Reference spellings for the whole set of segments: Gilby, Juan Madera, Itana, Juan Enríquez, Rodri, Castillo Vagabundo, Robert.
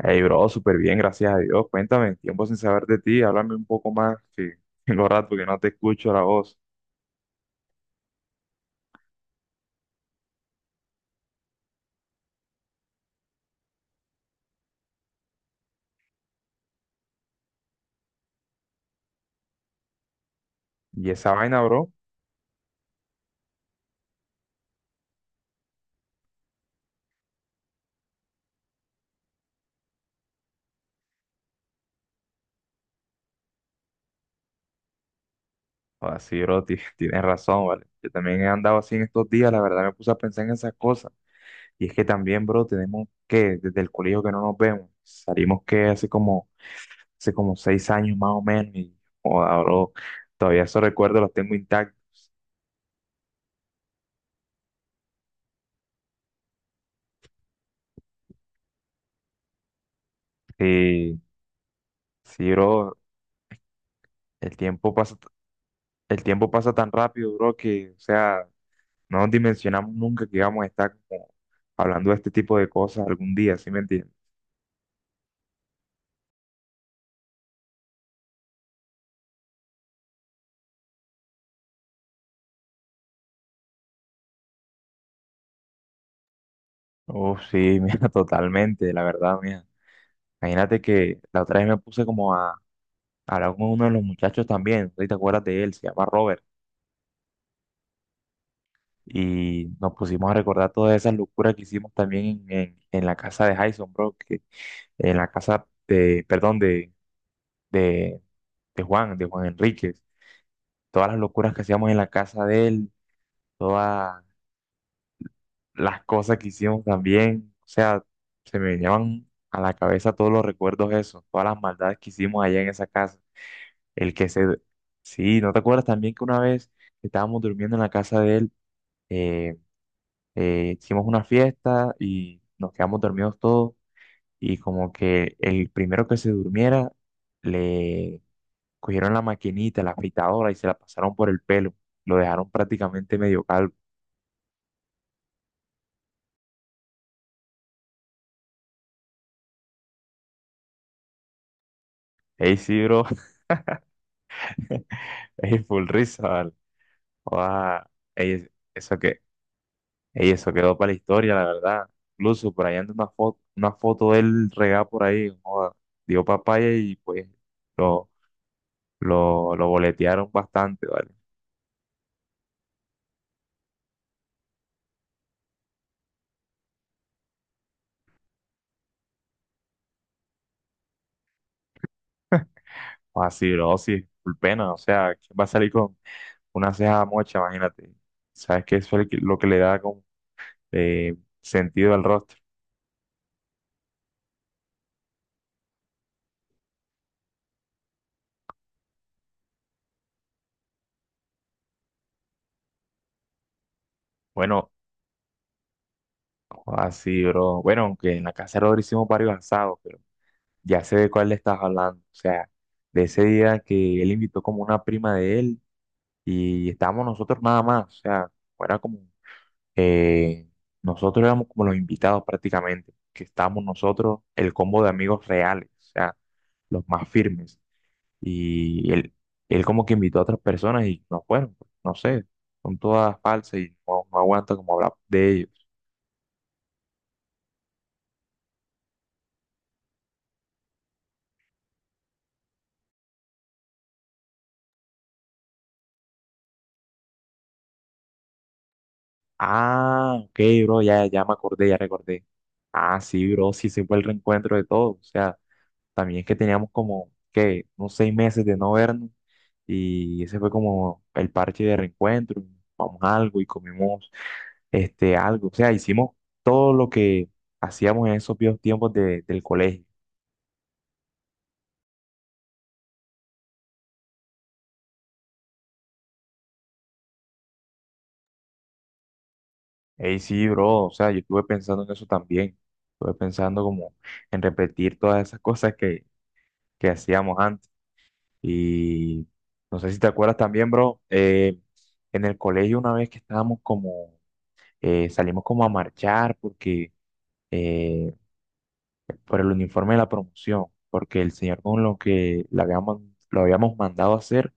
Hey, bro, súper bien, gracias a Dios. Cuéntame, tiempo sin saber de ti, háblame un poco más, que tengo rato que no te escucho la voz. Y esa vaina, bro, así, sí, bro, tienes razón, ¿vale? Yo también he andado así en estos días, la verdad me puse a pensar en esas cosas. Y es que también, bro, tenemos que, desde el colegio que no nos vemos, salimos que hace como 6 años más o menos, y joda, bro, todavía esos recuerdos los tengo intactos. Sí, sí, bro, el tiempo pasa, el tiempo pasa tan rápido, bro, que, o sea... No dimensionamos nunca que íbamos a estar como hablando de este tipo de cosas algún día, ¿sí me entiendes? Oh, sí, mira, totalmente, la verdad, mira. Imagínate que la otra vez me puse como a hablar con uno de los muchachos también, no sé si te acuerdas de él, se llama Robert, y nos pusimos a recordar todas esas locuras que hicimos también en la casa de Jason, bro, que, en la casa de, perdón, de, de Juan Enríquez, todas las locuras que hacíamos en la casa de él, todas las cosas que hicimos también. O sea, se me venían a la cabeza todos los recuerdos esos, todas las maldades que hicimos allá en esa casa. El que se... Sí, ¿no te acuerdas también que una vez estábamos durmiendo en la casa de él, eh, hicimos una fiesta y nos quedamos dormidos todos y como que el primero que se durmiera le cogieron la maquinita, la afeitadora y se la pasaron por el pelo. Lo dejaron prácticamente medio calvo. Ey, sí, bro. Ey, full risa, vale. Guau, ey, eso que, ey, eso quedó para la historia, la verdad. Incluso por ahí anda una foto de él regada por ahí, joda, dio papaya y pues lo, lo boletearon bastante, ¿vale? Así, bro, sí, por pena, o sea, ¿quién va a salir con una ceja mocha? Imagínate. ¿Sabes qué? Eso es lo que le da como, eh, sentido al rostro. Bueno, así, bro. Bueno, aunque en la casa de Rodri hicimos varios asados, pero ya sé de cuál le estás hablando, o sea, de ese día que él invitó como una prima de él y estábamos nosotros nada más, o sea, era como, eh, nosotros éramos como los invitados prácticamente, que estábamos nosotros, el combo de amigos reales, o sea, los más firmes, y él como que invitó a otras personas y no fueron, pues, no sé, son todas falsas y no, no aguanta como hablar de ellos. Ah, ok, bro, ya me acordé, ya recordé. Ah, sí, bro, sí, se fue el reencuentro de todos, o sea. También que teníamos como, que unos 6 meses de no vernos y ese fue como el parche de reencuentro. Vamos algo y comimos este, algo. O sea, hicimos todo lo que hacíamos en esos viejos tiempos del colegio. Ey, sí, bro, o sea, yo estuve pensando en eso también. Estuve pensando como en repetir todas esas cosas que hacíamos antes. Y no sé si te acuerdas también, bro, en el colegio una vez que estábamos como, salimos como a marchar porque eh, por el uniforme de la promoción, porque el señor con lo que le habíamos, lo habíamos mandado a hacer,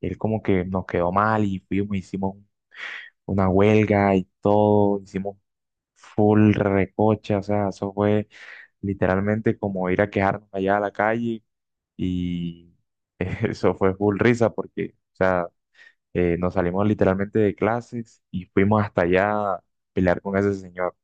él como que nos quedó mal y fuimos, hicimos una huelga y todo, hicimos full recocha, o sea, eso fue literalmente como ir a quejarnos allá a la calle y eso fue full risa porque, o sea, nos salimos literalmente de clases y fuimos hasta allá a pelear con ese señor.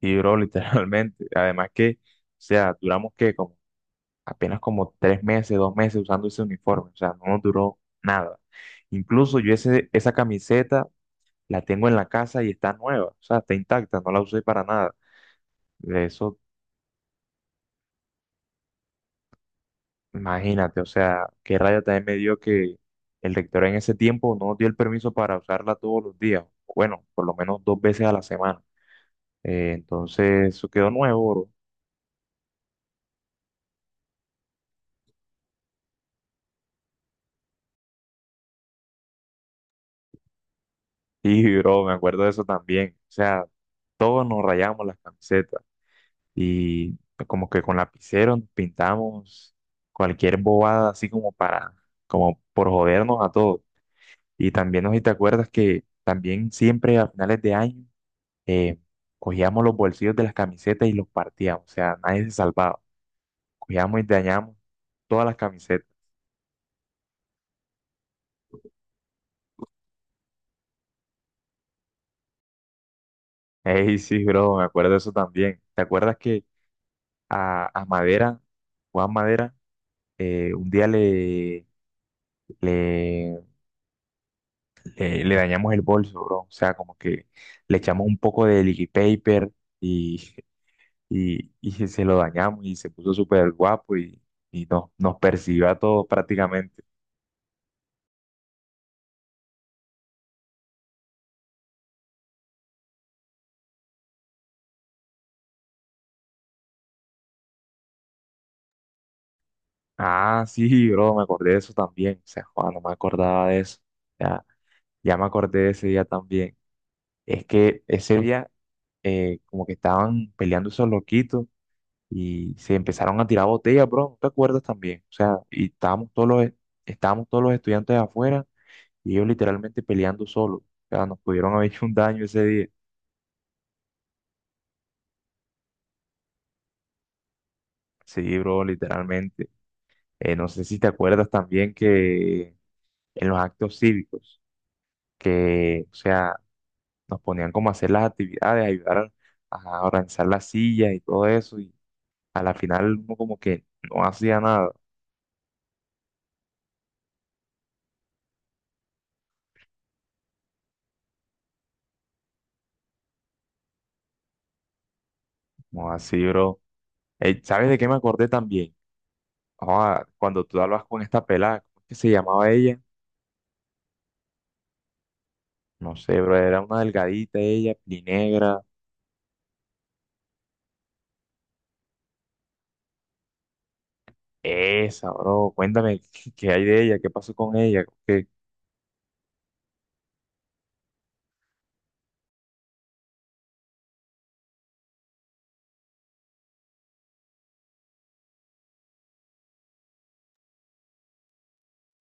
Y duró literalmente. Además que, o sea, duramos que como apenas como 3 meses, 2 meses usando ese uniforme, o sea, no nos duró nada. Incluso yo ese, esa camiseta la tengo en la casa y está nueva, o sea, está intacta, no la usé para nada. De eso, imagínate, o sea, qué raya también me dio que el rector en ese tiempo no nos dio el permiso para usarla todos los días, bueno, por lo menos 2 veces a la semana. Entonces, eso quedó nuevo, bro. Y, bro, me acuerdo de eso también, o sea, todos nos rayamos las camisetas y como que con lapicero nos pintamos cualquier bobada así como para, como por jodernos a todos. Y también, no sé si te acuerdas que también siempre a finales de año eh, cogíamos los bolsillos de las camisetas y los partíamos, o sea, nadie se salvaba. Cogíamos y dañamos todas las camisetas. Ey, sí, bro, me acuerdo de eso también. ¿Te acuerdas que a Madera, Juan Madera, un día le le dañamos el bolso, bro? O sea, como que le echamos un poco de liquid paper y, y se lo dañamos y se puso súper guapo y nos, nos persiguió a todos prácticamente. Ah, sí, bro, me acordé de eso también. O sea, joder, no me acordaba de eso. Ya, ya me acordé de ese día también. Es que ese día como que estaban peleando esos loquitos y se empezaron a tirar botellas, bro. ¿No te acuerdas también? O sea, y estábamos todos los estudiantes afuera y ellos literalmente peleando solo. O sea, nos pudieron haber hecho un daño ese día. Sí, bro, literalmente. No sé si te acuerdas también que en los actos cívicos, que, o sea, nos ponían como a hacer las actividades, ayudar a organizar las sillas y todo eso. Y a la final uno como que no hacía nada. No, así, bro. ¿Sabes de qué me acordé también? Ah, cuando tú hablabas con esta pelada, ¿cómo es que se llamaba ella? No sé, bro, era una delgadita ella, negra. Esa, bro, cuéntame qué, qué hay de ella, qué pasó con ella, qué...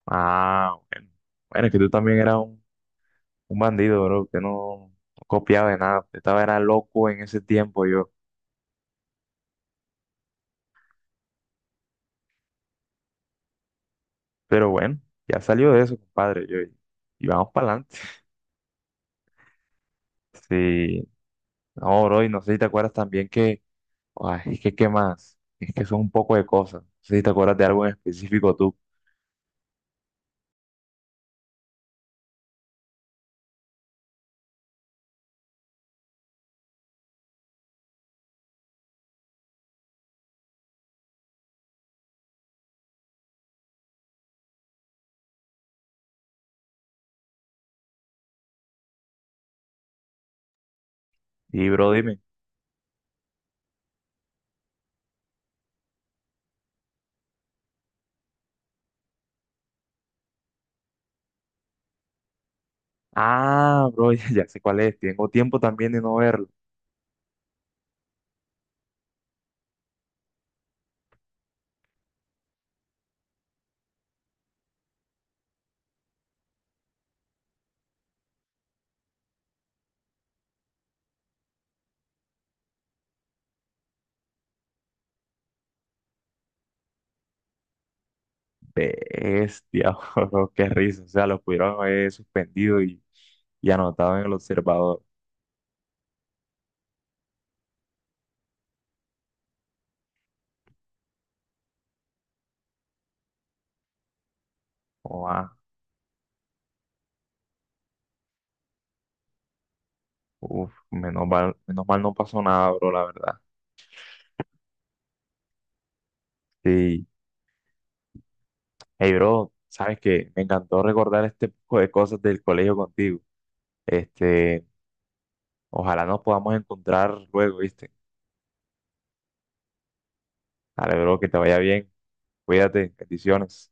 Ah, bueno. Bueno, es que tú también eras un bandido, bro, que no, no copiaba de nada, estaba era loco en ese tiempo yo. Pero bueno, ya salió de eso, compadre, yo, y vamos para adelante. Sí, no, bro, y no sé si te acuerdas también que, ay, es que qué más, es que son un poco de cosas. No sé si te acuerdas de algo en específico tú. Y bro, dime. Ah, bro, ya sé cuál es, tengo tiempo también de no verla. Bestia, bro, qué risa. O sea, lo pudieron haber suspendido y anotado en el observador. Oh, ah, uf, menos mal no pasó nada, bro, la verdad. Sí. Hey, bro, sabes que me encantó recordar este poco de cosas del colegio contigo. Este, ojalá nos podamos encontrar luego, ¿viste? Dale, bro, que te vaya bien. Cuídate, bendiciones.